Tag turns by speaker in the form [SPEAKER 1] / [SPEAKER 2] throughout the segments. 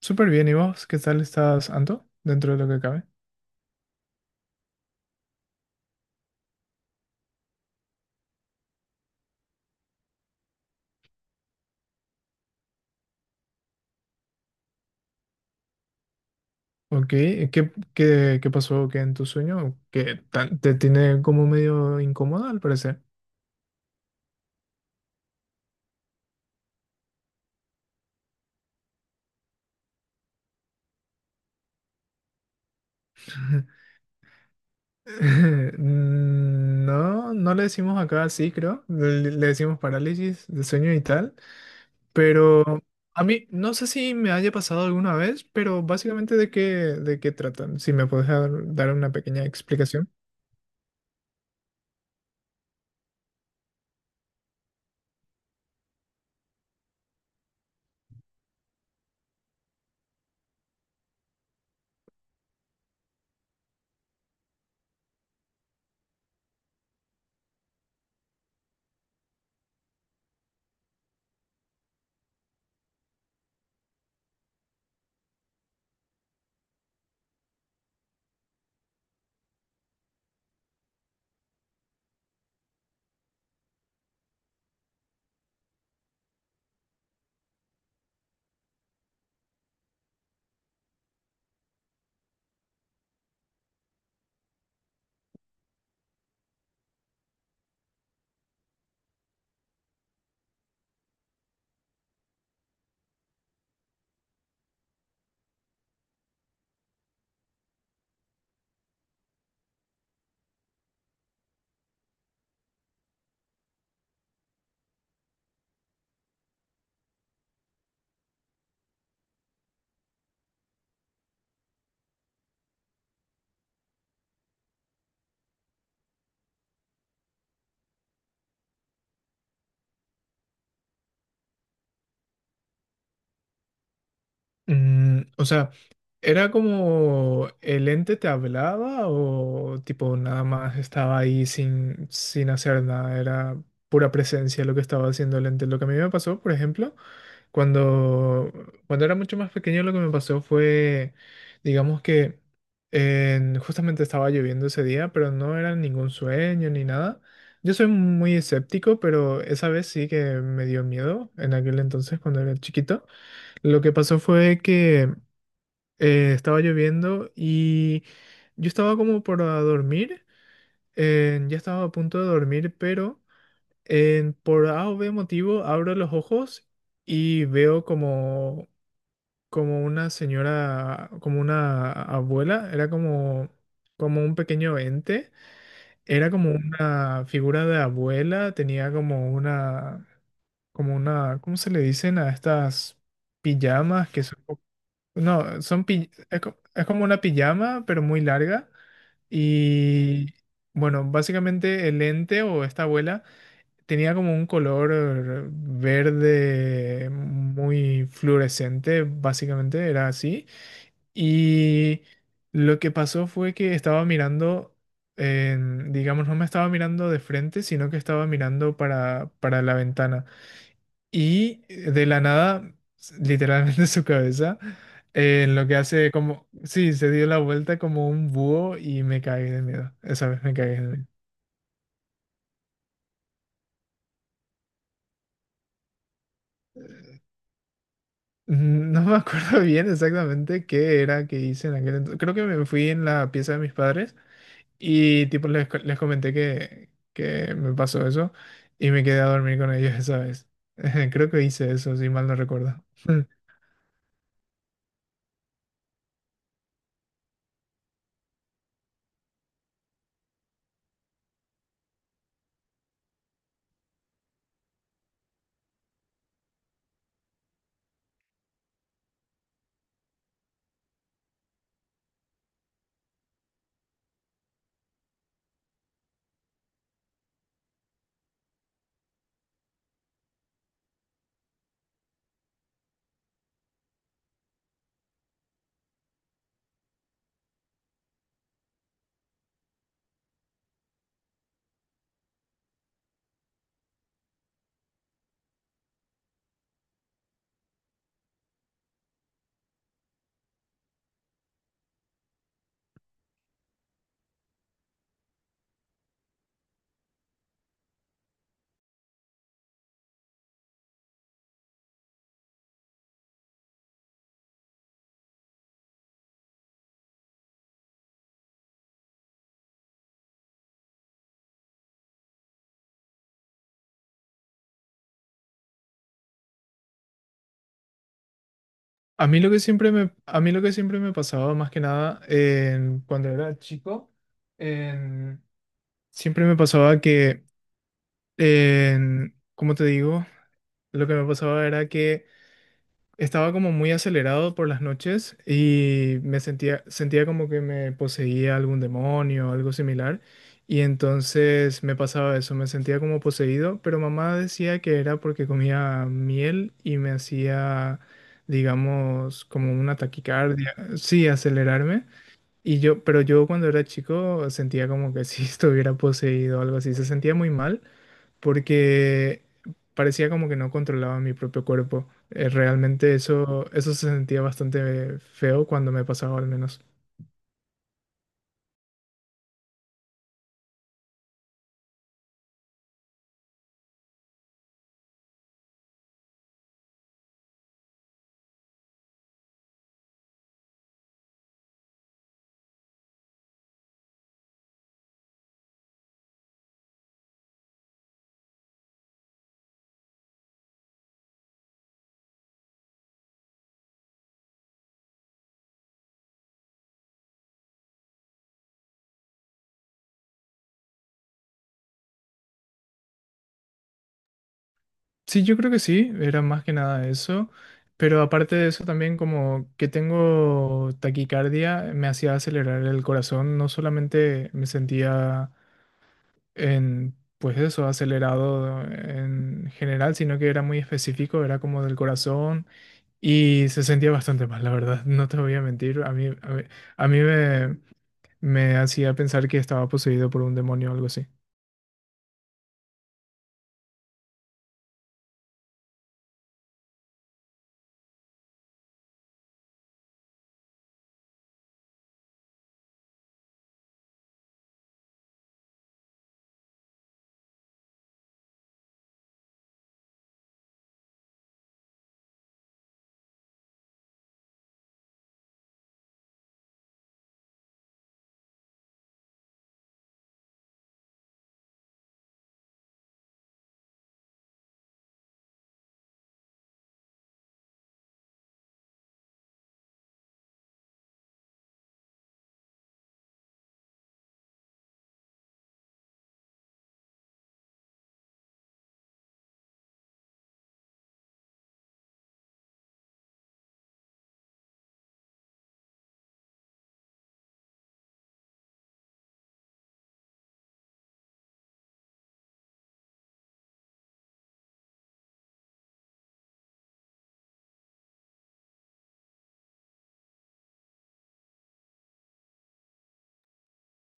[SPEAKER 1] Súper bien, ¿y vos? ¿Qué tal estás, Anto? Dentro de lo que cabe. Ok, ¿qué pasó que en tu sueño? Que te tiene como medio incómoda al parecer. No, no le decimos acá así, creo. Le decimos parálisis de sueño y tal. Pero a mí, no sé si me haya pasado alguna vez, pero básicamente de qué tratan. Si me puedes dar una pequeña explicación. Mm, o sea, ¿era como el ente te hablaba o tipo nada más estaba ahí sin hacer nada? Era pura presencia lo que estaba haciendo el ente. Lo que a mí me pasó, por ejemplo, cuando, cuando era mucho más pequeño, lo que me pasó fue, digamos que justamente estaba lloviendo ese día, pero no era ningún sueño ni nada. Yo soy muy escéptico, pero esa vez sí que me dio miedo en aquel entonces cuando era chiquito. Lo que pasó fue que estaba lloviendo y yo estaba como para dormir, ya estaba a punto de dormir, pero por A o B motivo abro los ojos y veo como, como una señora, como una abuela, era como, como un pequeño ente, era como una figura de abuela, tenía como una, ¿cómo se le dicen a estas pijamas que son? No, son pi- es, co- es como una pijama, pero muy larga. Y bueno, básicamente el ente o esta abuela tenía como un color verde muy fluorescente, básicamente era así. Y lo que pasó fue que estaba mirando, digamos, no me estaba mirando de frente, sino que estaba mirando para la ventana. Y de la nada, literalmente su cabeza, en lo que hace como, sí, se dio la vuelta como un búho y me cagué de miedo. Esa vez me cagué de miedo. No me acuerdo bien exactamente qué era que hice en aquel entonces. Creo que me fui en la pieza de mis padres y tipo les comenté que me pasó eso y me quedé a dormir con ellos esa vez. Creo que hice eso, si mal no recuerdo. A mí lo que siempre me pasaba más que nada cuando era chico, en- siempre me pasaba que, como te digo, lo que me pasaba era que estaba como muy acelerado por las noches y me sentía, sentía como que me poseía algún demonio o algo similar. Y entonces me pasaba eso, me sentía como poseído, pero mamá decía que era porque comía miel y me hacía, digamos, como una taquicardia, sí, acelerarme. Y yo, pero yo cuando era chico sentía como que si estuviera poseído o algo así, se sentía muy mal porque parecía como que no controlaba mi propio cuerpo. Realmente eso se sentía bastante feo cuando me pasaba al menos. Sí, yo creo que sí, era más que nada eso, pero aparte de eso también como que tengo taquicardia, me hacía acelerar el corazón, no solamente me sentía pues eso, acelerado en general, sino que era muy específico, era como del corazón. Y se sentía bastante mal, la verdad, no te voy a mentir. A mí me, me hacía pensar que estaba poseído por un demonio o algo así.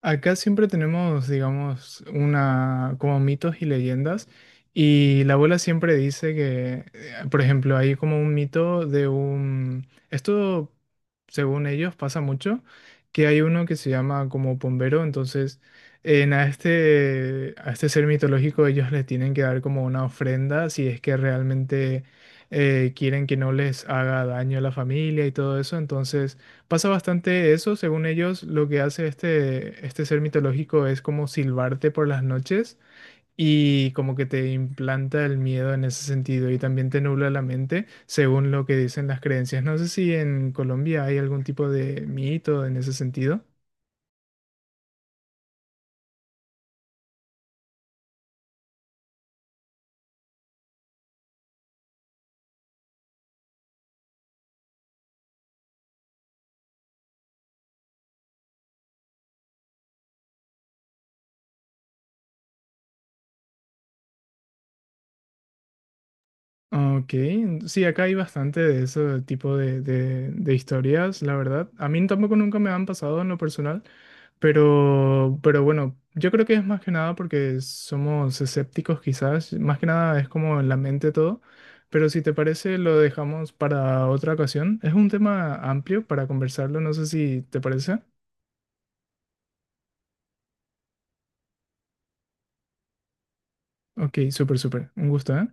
[SPEAKER 1] Acá siempre tenemos, digamos, una como mitos y leyendas y la abuela siempre dice que, por ejemplo, hay como un mito de un, esto según ellos pasa mucho, que hay uno que se llama como Pombero, entonces en a este ser mitológico ellos le tienen que dar como una ofrenda si es que realmente quieren que no les haga daño a la familia y todo eso, entonces pasa bastante eso, según ellos, lo que hace este ser mitológico es como silbarte por las noches y como que te implanta el miedo en ese sentido y también te nubla la mente, según lo que dicen las creencias. No sé si en Colombia hay algún tipo de mito en ese sentido. Ok, sí, acá hay bastante de ese tipo de, de historias, la verdad. A mí tampoco nunca me han pasado en lo personal. Pero bueno, yo creo que es más que nada porque somos escépticos quizás, más que nada es como en la mente todo, pero si te parece lo dejamos para otra ocasión. Es un tema amplio para conversarlo, no sé si te parece. Ok, súper, súper, un gusto, ¿eh?